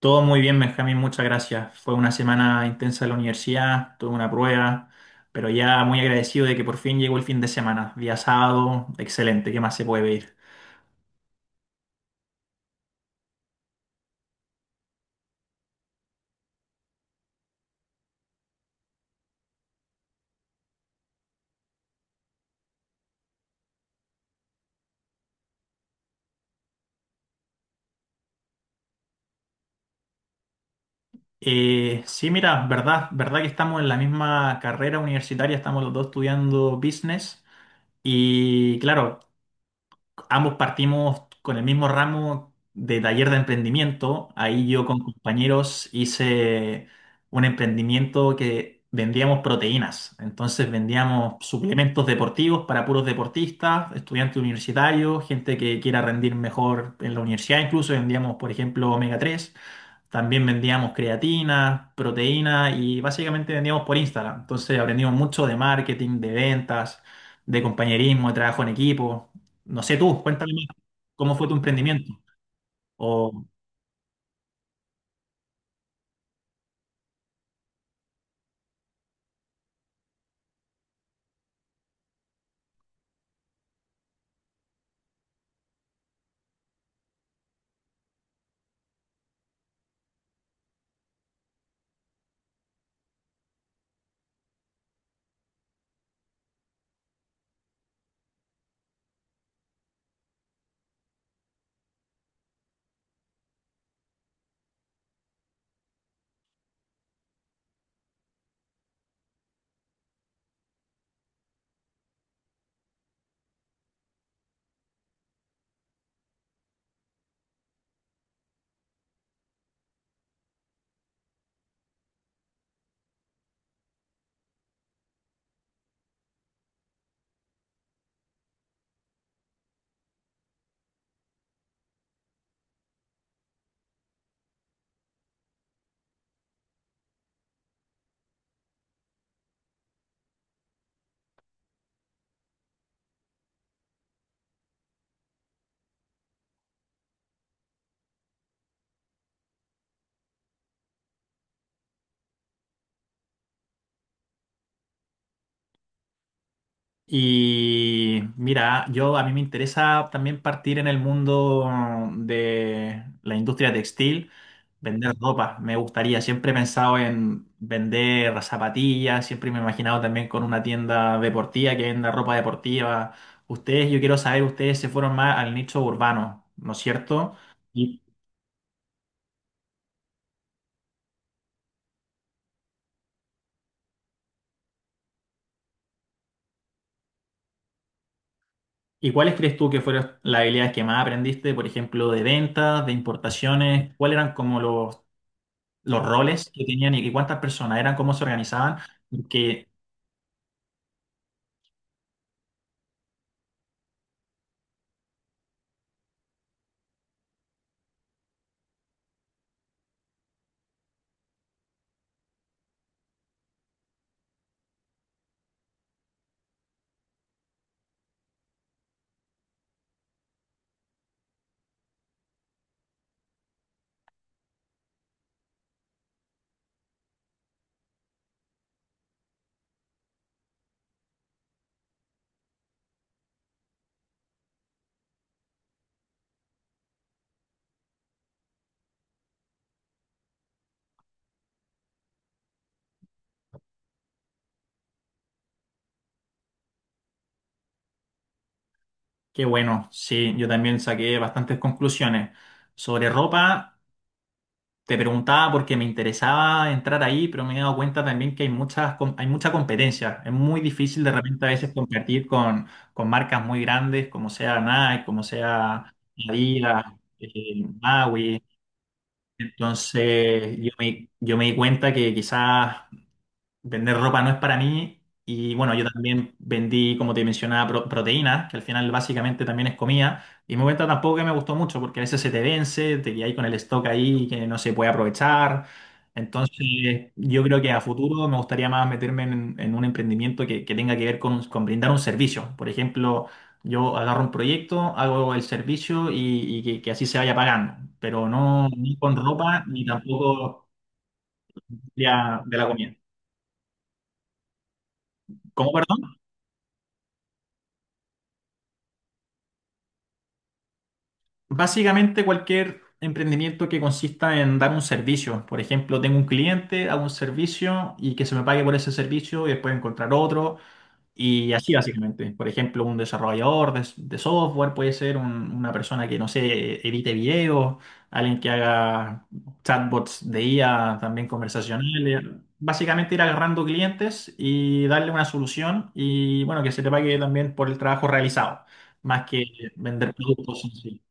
Todo muy bien, Benjamín, muchas gracias. Fue una semana intensa en la universidad, tuve una prueba, pero ya muy agradecido de que por fin llegó el fin de semana. Día sábado, excelente, ¿qué más se puede pedir? Sí, mira, verdad que estamos en la misma carrera universitaria, estamos los dos estudiando business y claro, ambos partimos con el mismo ramo de taller de emprendimiento. Ahí yo con compañeros hice un emprendimiento que vendíamos proteínas. Entonces vendíamos suplementos deportivos para puros deportistas, estudiantes universitarios, gente que quiera rendir mejor en la universidad. Incluso vendíamos, por ejemplo, omega 3. También vendíamos creatina, proteína y básicamente vendíamos por Instagram. Entonces aprendimos mucho de marketing, de ventas, de compañerismo, de trabajo en equipo. No sé tú, cuéntame más, ¿cómo fue tu emprendimiento? Y mira, yo a mí me interesa también partir en el mundo de la industria textil, vender ropa. Me gustaría, siempre he pensado en vender zapatillas, siempre me he imaginado también con una tienda deportiva que venda ropa deportiva. Ustedes, yo quiero saber, ustedes se fueron más al nicho urbano, ¿no es cierto? ¿Y, y cuáles crees tú que fueron las habilidades que más aprendiste, por ejemplo, de ventas, de importaciones? ¿Cuáles eran como los roles que tenían y cuántas personas eran, cómo se organizaban? que, que bueno, sí, yo también saqué bastantes conclusiones. Sobre ropa, te preguntaba porque me interesaba entrar ahí, pero me he dado cuenta también que hay mucha competencia. Es muy difícil de repente a veces competir con, marcas muy grandes, como sea Nike, como sea Adidas, Maui. Entonces, yo me di cuenta que quizás vender ropa no es para mí. Y bueno, yo también vendí, como te mencionaba, proteínas, que al final básicamente también es comida. Y me cuenta tampoco que me gustó mucho, porque a veces se te vence, te quedas ahí con el stock ahí que no se puede aprovechar. Entonces, yo creo que a futuro me gustaría más meterme en, un emprendimiento que tenga que ver con brindar un servicio. Por ejemplo, yo agarro un proyecto, hago el servicio y, y que así se vaya pagando, pero no ni con ropa ni tampoco de la comida. ¿Cómo, perdón? Básicamente cualquier emprendimiento que consista en dar un servicio. Por ejemplo, tengo un cliente, hago un servicio y que se me pague por ese servicio y después encontrar otro. Y así básicamente. Por ejemplo, un desarrollador de software puede ser una persona que, no sé, edite videos, alguien que haga chatbots de IA, también conversacionales. Básicamente ir agarrando clientes y darle una solución y bueno, que se te pague también por el trabajo realizado, más que vender productos en sí.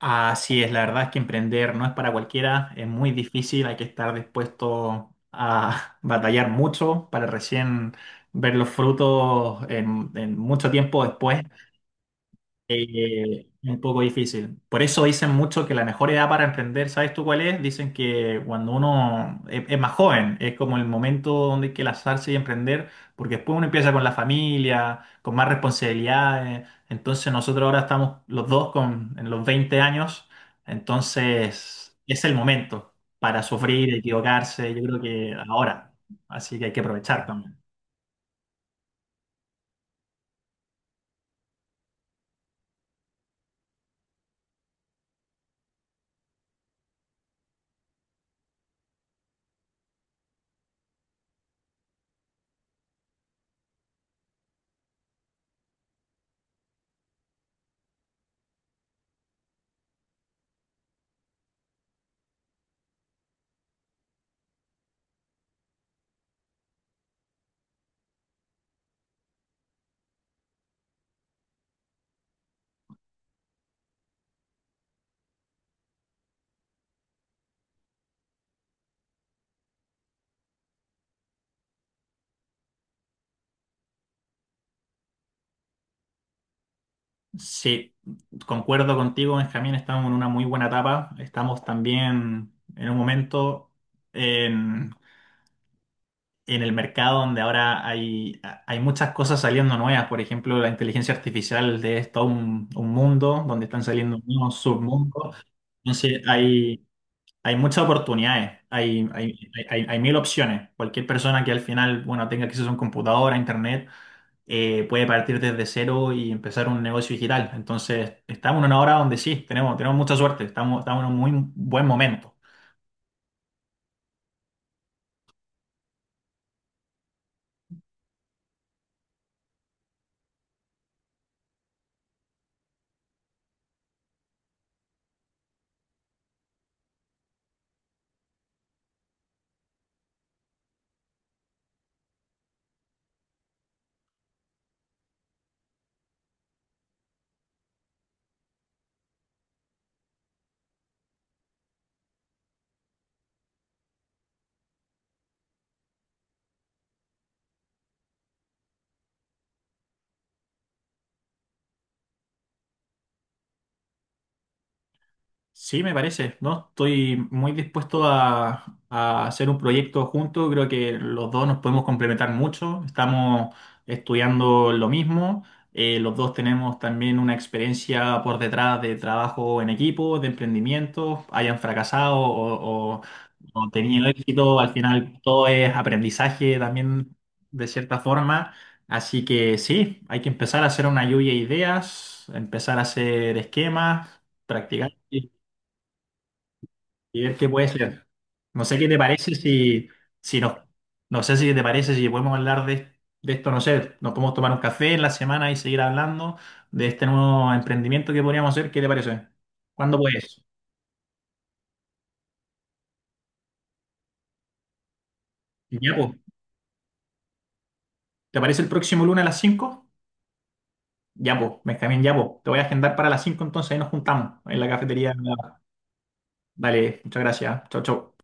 Así es, la verdad es que emprender no es para cualquiera, es muy difícil, hay que estar dispuesto a batallar mucho para recién ver los frutos en, mucho tiempo después. Un poco difícil. Por eso dicen mucho que la mejor edad para emprender, ¿sabes tú cuál es? Dicen que cuando uno es más joven, es como el momento donde hay que lanzarse y emprender, porque después uno empieza con la familia, con más responsabilidades. Entonces nosotros ahora estamos los dos en los 20 años, entonces es el momento para sufrir, equivocarse, yo creo que ahora. Así que hay que aprovechar también. Sí, concuerdo contigo, Benjamín, estamos en una muy buena etapa. Estamos también en un momento en, en, el mercado donde ahora hay muchas cosas saliendo nuevas. Por ejemplo, la inteligencia artificial de esto, un, mundo donde están saliendo nuevos submundos. Entonces, hay muchas oportunidades, hay mil opciones. Cualquier persona que al final, bueno, tenga acceso a un computador, a internet puede partir desde cero y empezar un negocio digital. Entonces, estamos en una hora donde sí, tenemos, mucha suerte, estamos en un muy buen momento. Sí, me parece, ¿no? Estoy muy dispuesto a hacer un proyecto juntos. Creo que los dos nos podemos complementar mucho. Estamos estudiando lo mismo. Los dos tenemos también una experiencia por detrás de trabajo en equipo, de emprendimiento, hayan fracasado o tenido éxito. Al final todo es aprendizaje también de cierta forma. Así que sí, hay que empezar a hacer una lluvia de ideas, empezar a hacer esquemas, practicar y ver qué puede ser. No sé qué te parece si no, no sé si te parece si podemos hablar de, esto, no sé, nos podemos tomar un café en la semana y seguir hablando de este nuevo emprendimiento que podríamos hacer, ¿qué te parece? ¿Cuándo puedes? Ya, po. ¿Te parece el próximo lunes a las 5? Ya, po, Benjamín, ya, po. Te voy a agendar para las 5 entonces ahí nos juntamos en la cafetería. Dale, muchas gracias. Chau, chau.